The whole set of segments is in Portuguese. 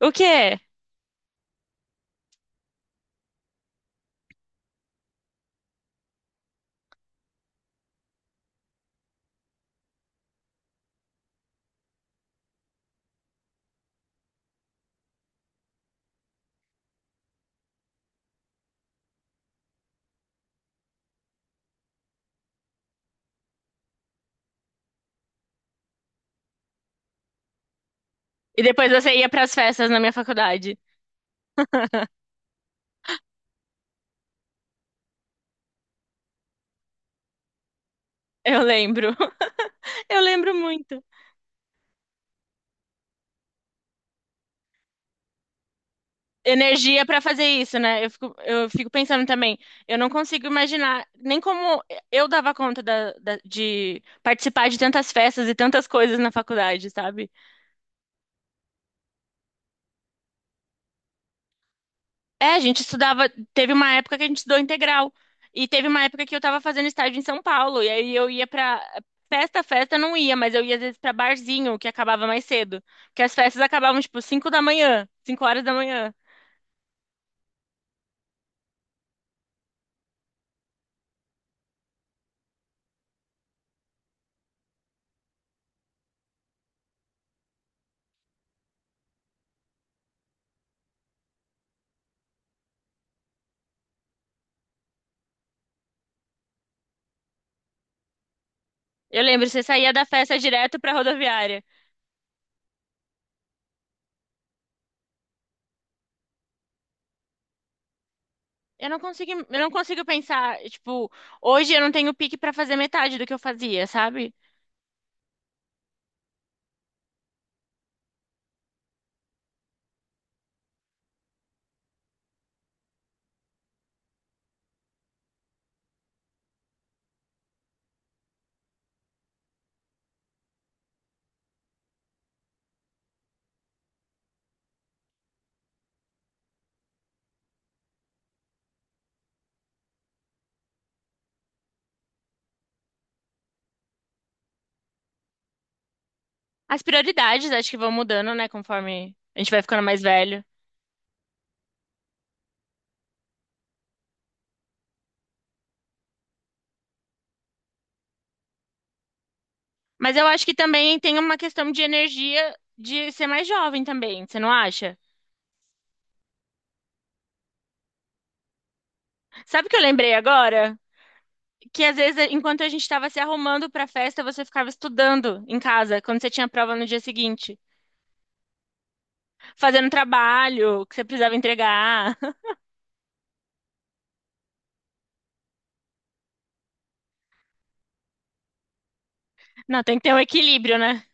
O quê? E depois você ia pras festas na minha faculdade. Eu lembro. Eu lembro muito. Energia pra fazer isso, né? Eu fico pensando também. Eu não consigo imaginar nem como eu dava conta de participar de tantas festas e tantas coisas na faculdade, sabe? É, a gente estudava. Teve uma época que a gente estudou integral. E teve uma época que eu tava fazendo estágio em São Paulo. E aí eu ia pra. Festa, festa eu não ia, mas eu ia às vezes pra barzinho, que acabava mais cedo. Porque as festas acabavam, tipo, 5 da manhã, 5 horas da manhã. Eu lembro, você saía da festa direto pra rodoviária. Eu não consigo pensar, tipo, hoje eu não tenho pique pra fazer metade do que eu fazia, sabe? As prioridades acho que vão mudando, né, conforme a gente vai ficando mais velho. Mas eu acho que também tem uma questão de energia de ser mais jovem também, você não acha? Sabe o que eu lembrei agora? Que às vezes, enquanto a gente estava se arrumando para a festa, você ficava estudando em casa, quando você tinha prova no dia seguinte, fazendo trabalho que você precisava entregar. Não, tem que ter um equilíbrio, né?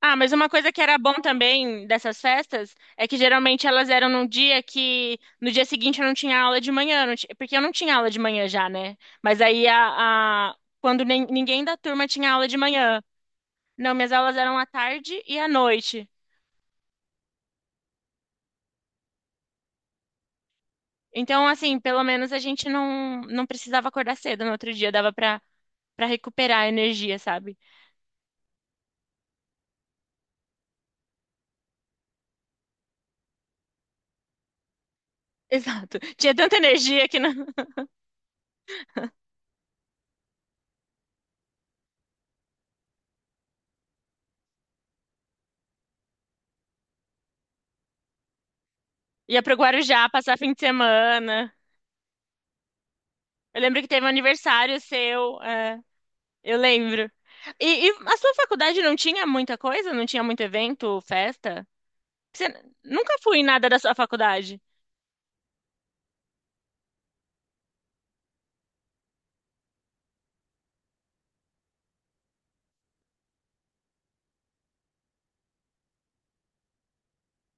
Ah, mas uma coisa que era bom também dessas festas é que geralmente elas eram num dia que no dia seguinte eu não tinha aula de manhã, porque eu não tinha aula de manhã já, né? Mas aí a- quando nem- ninguém da turma tinha aula de manhã. Não, minhas aulas eram à tarde e à noite. Então, assim, pelo menos a gente não precisava acordar cedo no outro dia, dava pra, pra recuperar a energia, sabe? Exato. Tinha tanta energia que não... ia pro Guarujá passar fim de semana. Eu lembro que teve um aniversário seu. Eu lembro. E a sua faculdade não tinha muita coisa? Não tinha muito evento, festa? Você nunca fui em nada da sua faculdade.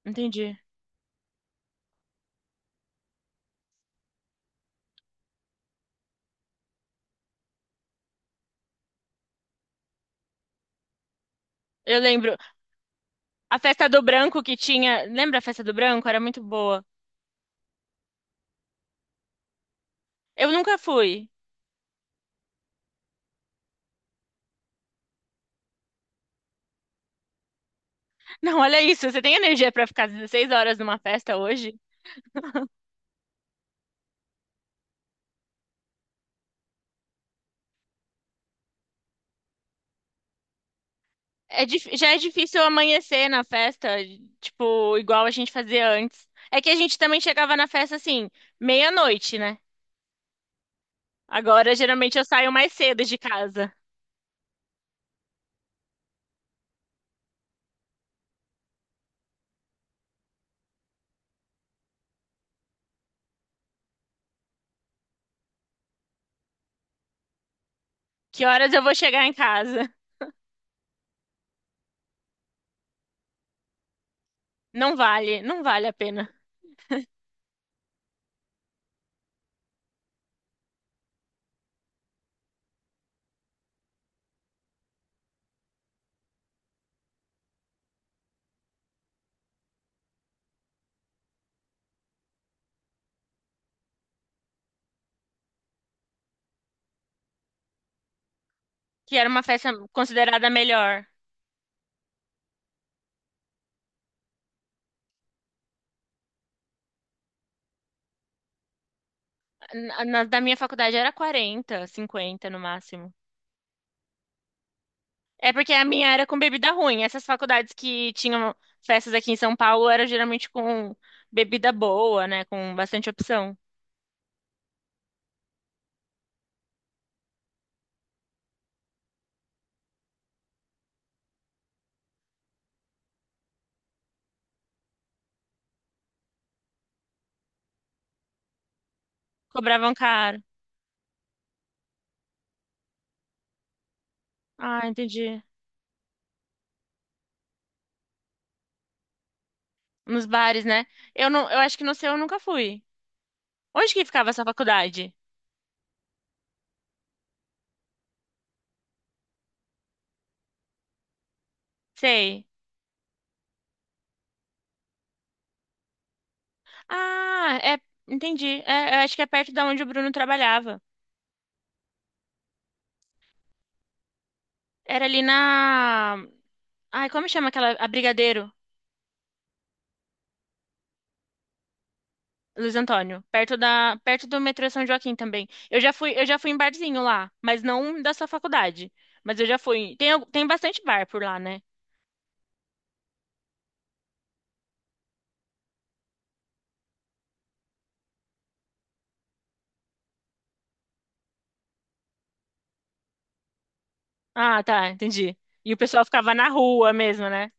Entendi. Eu lembro. A festa do branco que tinha. Lembra a festa do branco? Era muito boa. Eu nunca fui. Não, olha isso. Você tem energia pra ficar 16 horas numa festa hoje? É, já é difícil amanhecer na festa, tipo, igual a gente fazia antes. É que a gente também chegava na festa assim, meia-noite, né? Agora geralmente eu saio mais cedo de casa. Que horas eu vou chegar em casa? Não vale, não vale a pena. Que era uma festa considerada melhor. Da minha faculdade era 40, 50 no máximo. É porque a minha era com bebida ruim. Essas faculdades que tinham festas aqui em São Paulo era geralmente com bebida boa, né? Com bastante opção. Cobravam caro. Ah, entendi. Nos bares, né? Eu não, eu acho que no seu eu nunca fui. Onde que ficava essa faculdade? Sei. Ah, é, entendi. É, eu acho que é perto da onde o Bruno trabalhava. Era ali na. Ai, como chama aquela. A Brigadeiro, Luiz Antônio. Perto da... perto do metrô São Joaquim também. Eu já fui em barzinho lá, mas não da sua faculdade. Mas eu já fui. Tem, tem bastante bar por lá, né? Ah, tá, entendi. E o pessoal ficava na rua mesmo, né?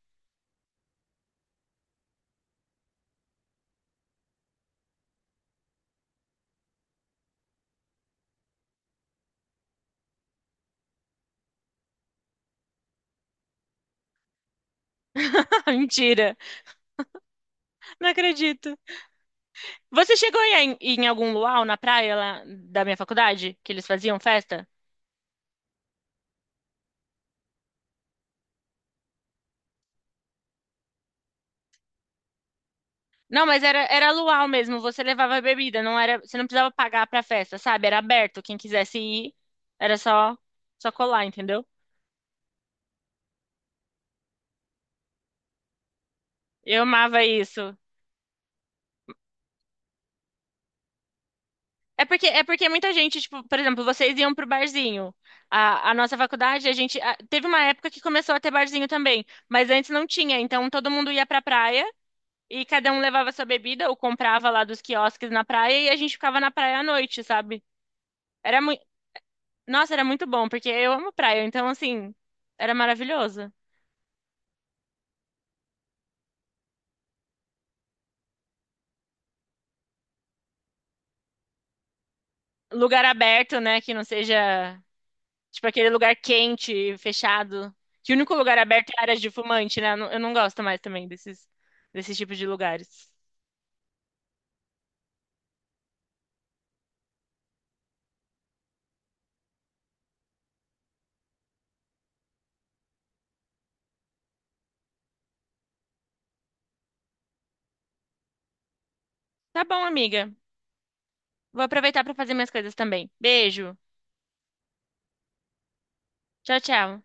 Mentira, não acredito. Você chegou em, em algum luau na praia lá da minha faculdade? Que eles faziam festa? Não, mas era, era luau mesmo, você levava a bebida, não era, você não precisava pagar pra festa, sabe? Era aberto, quem quisesse ir, era só colar, entendeu? Eu amava isso. É porque muita gente, tipo, por exemplo, vocês iam pro barzinho. A nossa faculdade, a gente teve uma época que começou a ter barzinho também, mas antes não tinha, então todo mundo ia pra praia e cada um levava sua bebida ou comprava lá dos quiosques na praia e a gente ficava na praia à noite, sabe? Era muito, nossa, era muito bom, porque eu amo praia, então assim, era maravilhoso. Lugar aberto, né? Que não seja, tipo, aquele lugar quente, fechado. Que o único lugar aberto é áreas de fumante, né? Eu não gosto mais também desses tipos de lugares. Tá bom, amiga. Vou aproveitar para fazer minhas coisas também. Beijo. Tchau, tchau.